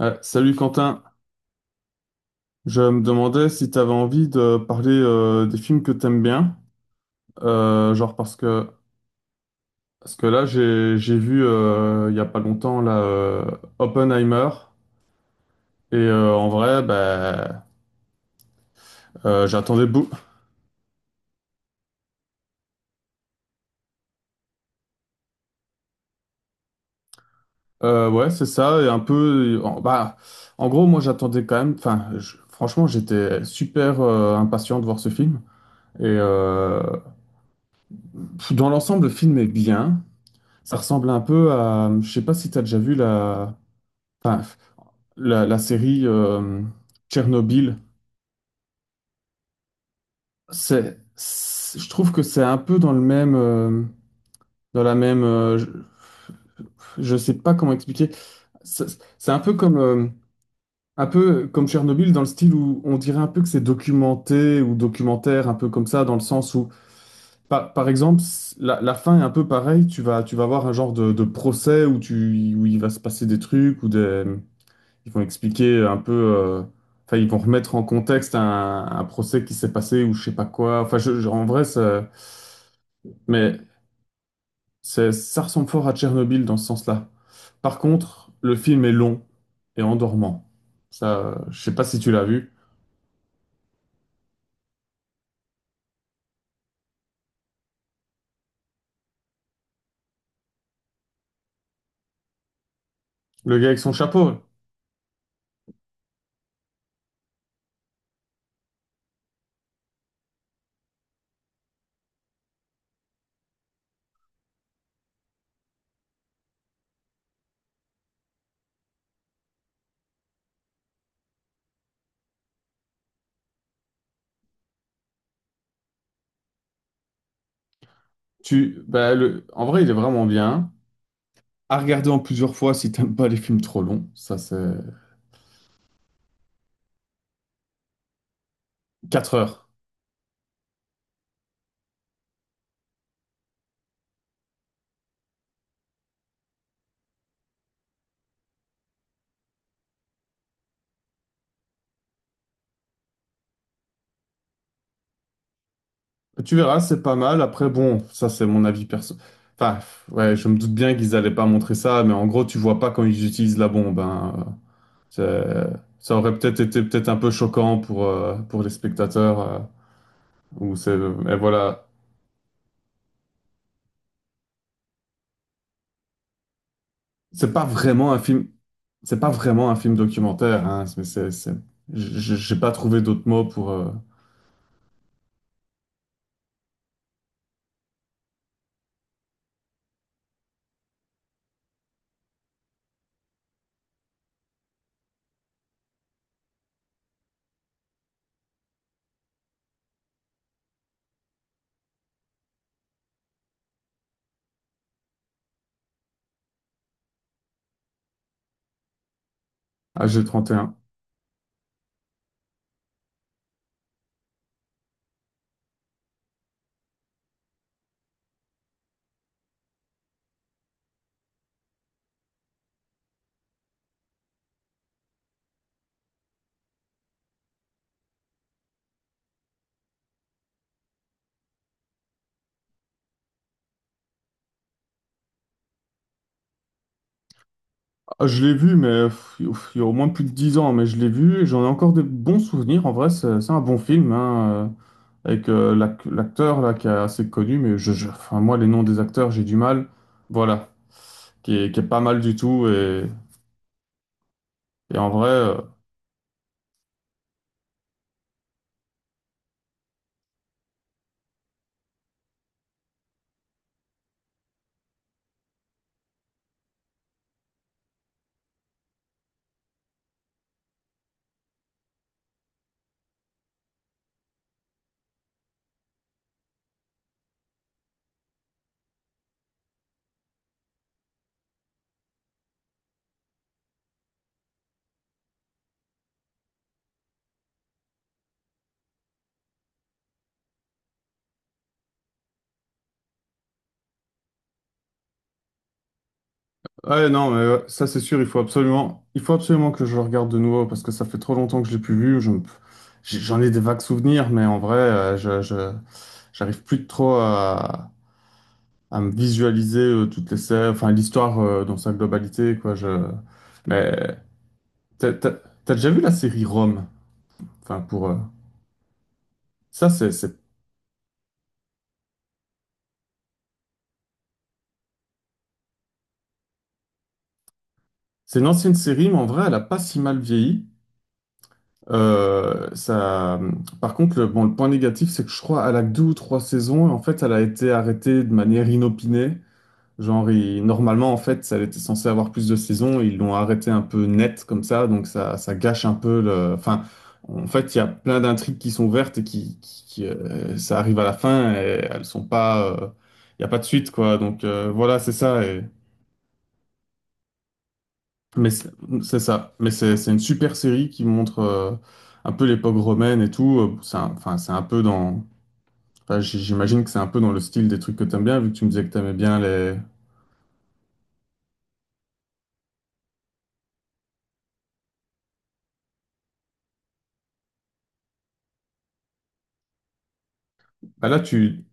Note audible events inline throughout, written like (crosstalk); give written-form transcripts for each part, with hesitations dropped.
Ouais, salut Quentin, je me demandais si tu avais envie de parler des films que t'aimes bien. Genre, parce que là j'ai vu il y a pas longtemps là, Oppenheimer, et en vrai, bah j'attendais beaucoup. Ouais, c'est ça, et un peu en, bah en gros moi j'attendais quand même, enfin franchement j'étais super impatient de voir ce film, et dans l'ensemble le film est bien. Ça ressemble un peu à, je sais pas si t'as déjà vu la... Enfin, la série Tchernobyl. Je trouve que c'est un peu dans le même, dans la même, je sais pas comment expliquer. C'est c'est un peu comme Tchernobyl, dans le style où on dirait un peu que c'est documenté, ou documentaire, un peu comme ça. Dans le sens où, par exemple, la fin est un peu pareille. Tu vas avoir un genre de, procès où où il va se passer des trucs ou des... Ils vont expliquer un peu, enfin, ils vont remettre en contexte un procès qui s'est passé ou je sais pas quoi. Enfin, en vrai, mais ça ressemble fort à Tchernobyl dans ce sens-là. Par contre, le film est long et endormant. Ça, je sais pas si tu l'as vu. Le gars avec son chapeau, bah, en vrai, il est vraiment bien. À regarder en plusieurs fois si t'aimes pas les films trop longs. Ça, c'est 4 heures. Tu verras, c'est pas mal. Après, bon, ça c'est mon avis perso. Enfin, ouais, je me doute bien qu'ils allaient pas montrer ça, mais en gros, tu vois pas quand ils utilisent la bombe, hein. C'est- Ça aurait peut-être été peut-être un peu choquant pour les spectateurs. Mais voilà, c'est pas vraiment un film. C'est pas vraiment un film documentaire, hein. Mais j'ai pas trouvé d'autres mots pour AG31. Ah, je l'ai vu, mais il y a au moins plus de 10 ans, mais je l'ai vu et j'en ai encore des bons souvenirs. En vrai, c'est un bon film, hein. Avec l'acteur là qui est assez connu, mais enfin, moi les noms des acteurs j'ai du mal. Voilà, qui est pas mal du tout, et en vrai, ouais, non, mais ouais, ça c'est sûr, il faut absolument que je le regarde de nouveau parce que ça fait trop longtemps que je l'ai plus vu. J'en ai des vagues souvenirs, mais en vrai, j'arrive plus trop à me visualiser toutes les scènes, enfin l'histoire dans sa globalité, quoi. Mais t'as t'as- t'as déjà vu la série Rome? Enfin pour ça c'est une ancienne série, mais en vrai, elle a pas si mal vieilli. Euh, ça... Par contre, bon, le point négatif, c'est que je crois qu'elle a que deux ou trois saisons, et en fait, elle a été arrêtée de manière inopinée. Genre, normalement, en fait, elle était censée avoir plus de saisons. Ils l'ont arrêtée un peu net comme ça. Donc ça gâche un peu le... Enfin, en fait, il y a plein d'intrigues qui sont ouvertes et qui, ça arrive à la fin et elles sont pas, il n'y a pas de suite, quoi. Donc, voilà, c'est ça. Mais c'est ça. Mais c'est une super série qui montre un peu l'époque romaine et tout. Enfin, c'est un peu dans... enfin, j'imagine que c'est un peu dans le style des trucs que t'aimes bien, vu que tu me disais que t'aimais bien les... Bah là, tu...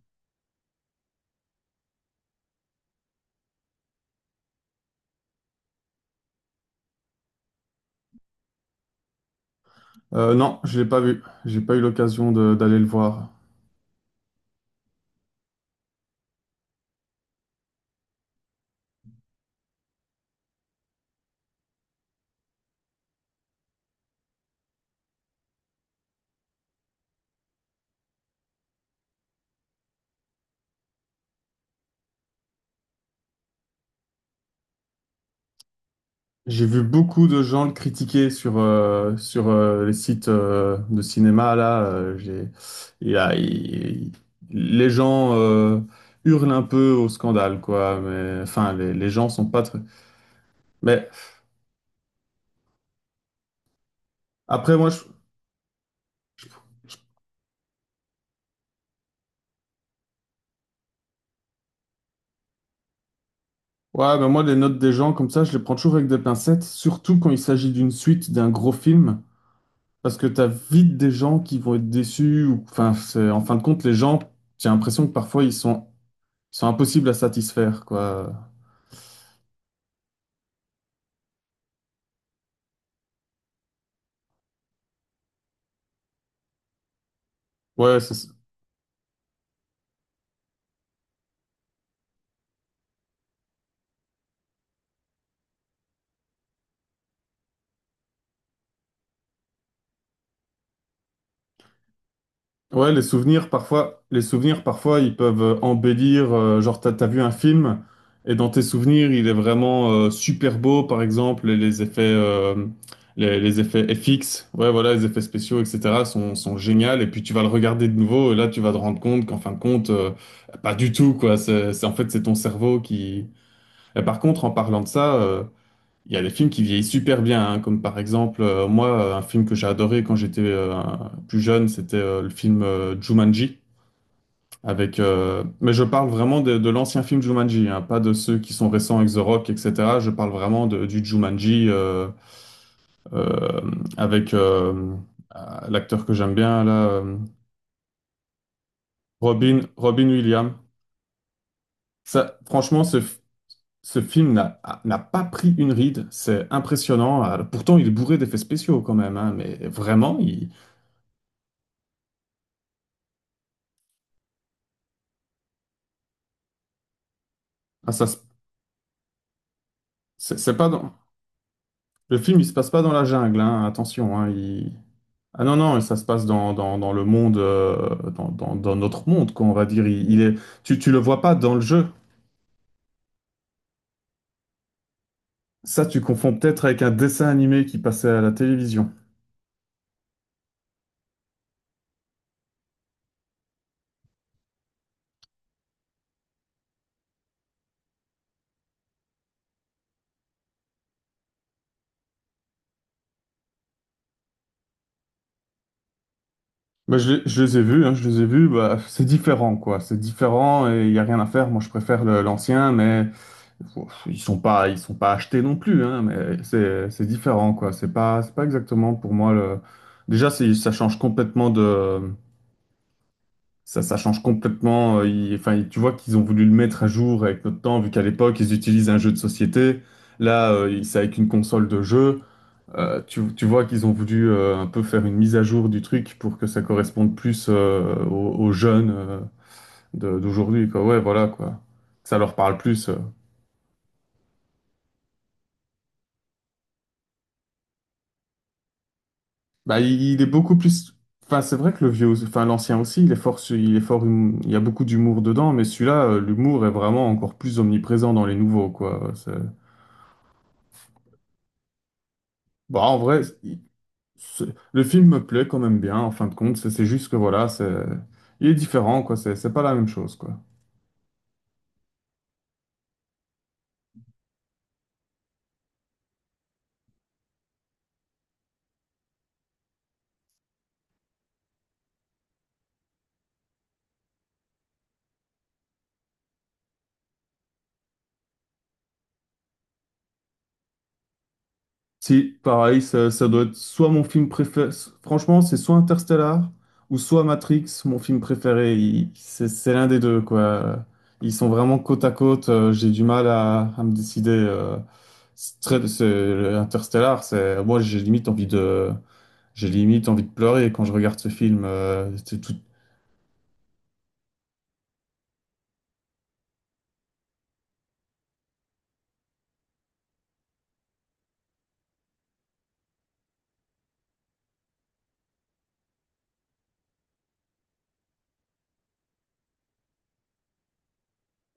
Non, je l'ai pas vu. J'ai pas eu l'occasion d'aller le voir. J'ai vu beaucoup de gens le critiquer sur les sites de cinéma là, j'ai... il y a- il- Les gens hurlent un peu au scandale, quoi. Mais enfin, les gens sont pas très... Mais après, moi, je... Ouais, ben moi, les notes des gens, comme ça, je les prends toujours avec des pincettes, surtout quand il s'agit d'une suite, d'un gros film, parce que t'as vite des gens qui vont être déçus. Ou, enfin, en fin de compte, les gens, j'ai l'impression que parfois, ils sont, impossibles à satisfaire, quoi. Ouais, c'est Ouais, les souvenirs parfois, ils peuvent embellir. Genre, t'as vu un film et dans tes souvenirs, il est vraiment super beau, par exemple, et les effets, les effets FX, ouais, voilà, les effets spéciaux, etc. sont géniaux. Et puis tu vas le regarder de nouveau et là, tu vas te rendre compte qu'en fin de compte, pas du tout, quoi. En fait, c'est ton cerveau qui... Et par contre, en parlant de ça, il y a des films qui vieillissent super bien, hein, comme par exemple, un film que j'ai adoré quand j'étais plus jeune, c'était le film Jumanji. Mais je parle vraiment de, l'ancien film Jumanji, hein, pas de ceux qui sont récents avec The Rock, etc. Je parle vraiment du Jumanji, euh, avec euh, l'acteur que j'aime bien, là, Robin Williams. Ça, franchement, ce film n'a pas pris une ride. C'est impressionnant. Alors, pourtant, il est bourré d'effets spéciaux quand même, hein, mais vraiment, il... Ah, ça, se- c'est pas dans... Le film, il se passe pas dans la jungle, hein, attention, hein. Ah non, non, ça se passe dans, dans, dans, le monde, dans notre monde, qu'on va dire. Il est... Tu le vois pas dans le jeu. Ça, tu confonds peut-être avec un dessin animé qui passait à la télévision. Bah, je les ai vus, hein, je les ai vus, bah, c'est différent, quoi. C'est différent et il n'y a rien à faire. Moi, je préfère l'ancien. Mais ils sont pas achetés non plus, hein, mais c'est différent, quoi. C'est pas exactement pour moi le... Déjà, ça change complètement ça, ça change complètement. Enfin, tu vois qu'ils ont voulu le mettre à jour avec notre temps, vu qu'à l'époque ils utilisent un jeu de société. Là, c'est avec une console de jeu. Tu vois qu'ils ont voulu un peu faire une mise à jour du truc pour que ça corresponde plus aux jeunes d'aujourd'hui, quoi. Ouais, voilà, quoi. Ça leur parle plus. Bah, il est beaucoup plus... Enfin, c'est vrai que le vieux, enfin l'ancien aussi, il est fort, il y a beaucoup d'humour dedans, mais celui-là, l'humour est vraiment encore plus omniprésent dans les nouveaux, quoi. Bah, en vrai, le film me plaît quand même bien. En fin de compte, c'est juste que voilà, il est différent, quoi. C'est pas la même chose, quoi. Si, pareil, ça doit être soit mon film préféré. Franchement, c'est soit Interstellar, ou soit Matrix, mon film préféré. C'est l'un des deux, quoi. Ils sont vraiment côte à côte. J'ai du mal à, me décider. C'est très, Interstellar, j'ai limite envie de pleurer quand je regarde ce film. C'est tout...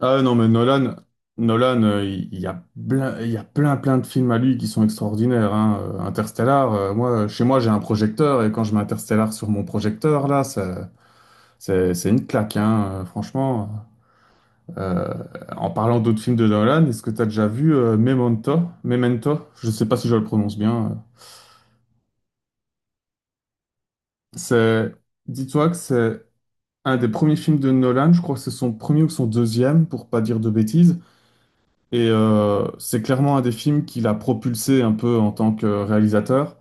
Ah non, mais Nolan, il y a plein, il y a plein, plein de films à lui qui sont extraordinaires, hein. Interstellar, chez moi, j'ai un projecteur, et quand je mets Interstellar sur mon projecteur, là, c'est une claque, hein, franchement. Euh, en parlant d'autres films de Nolan, est-ce que tu as déjà vu Memento? Memento? Je sais pas si je le prononce bien. C'est, dis-toi que c'est un des premiers films de Nolan, je crois que c'est son premier ou son deuxième, pour pas dire de bêtises. Et c'est clairement un des films qui l'a propulsé un peu en tant que réalisateur.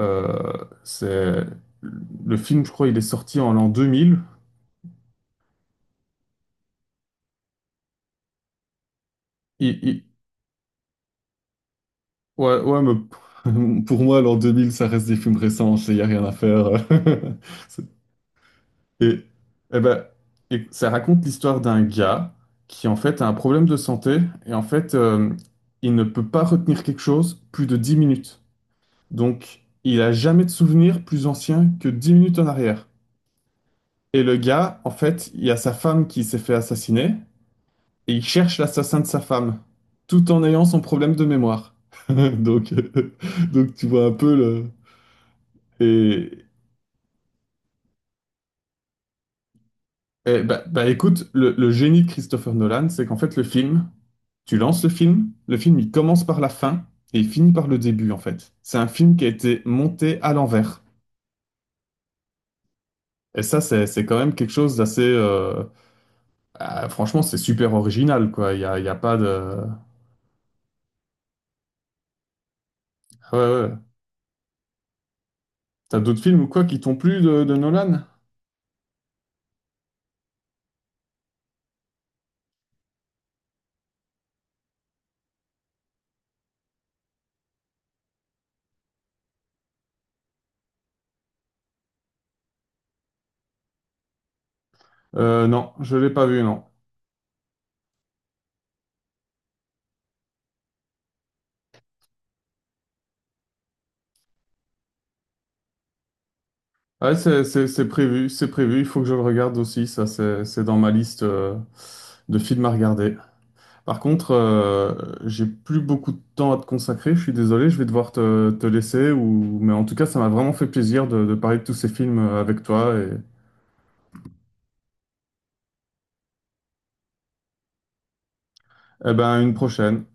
C'est le film, je crois, il est sorti en l'an 2000. Il, il- Ouais, ouais, mais (laughs) pour moi, l'an 2000, ça reste des films récents. Il n'y a rien à faire. (laughs) C'est- Et, eh ben, ça raconte l'histoire d'un gars qui en fait a un problème de santé et en fait, il ne peut pas retenir quelque chose plus de 10 minutes. Donc, il a jamais de souvenir plus ancien que 10 minutes en arrière. Et le gars, en fait, il y a sa femme qui s'est fait assassiner, et il cherche l'assassin de sa femme, tout en ayant son problème de mémoire. (laughs) Donc, euh, donc, tu vois un peu le... Et, et bah, écoute, le génie de Christopher Nolan, c'est qu'en fait le film, tu lances le film il commence par la fin et il finit par le début en fait. C'est un film qui a été monté à l'envers. Et ça, c'est quand même quelque chose d'assez... ah, franchement, c'est super original, quoi. Il y a pas de... Ah ouais, ouais. T'as d'autres films ou quoi qui t'ont plu de Nolan? Non, je l'ai pas vu, non. Ouais, c'est prévu, il faut que je le regarde aussi, ça c'est dans ma liste de films à regarder. Par contre, j'ai plus beaucoup de temps à te consacrer, je suis désolé, je vais devoir te laisser, mais en tout cas, ça m'a vraiment fait plaisir de, parler de tous ces films avec toi, et eh ben, à une prochaine.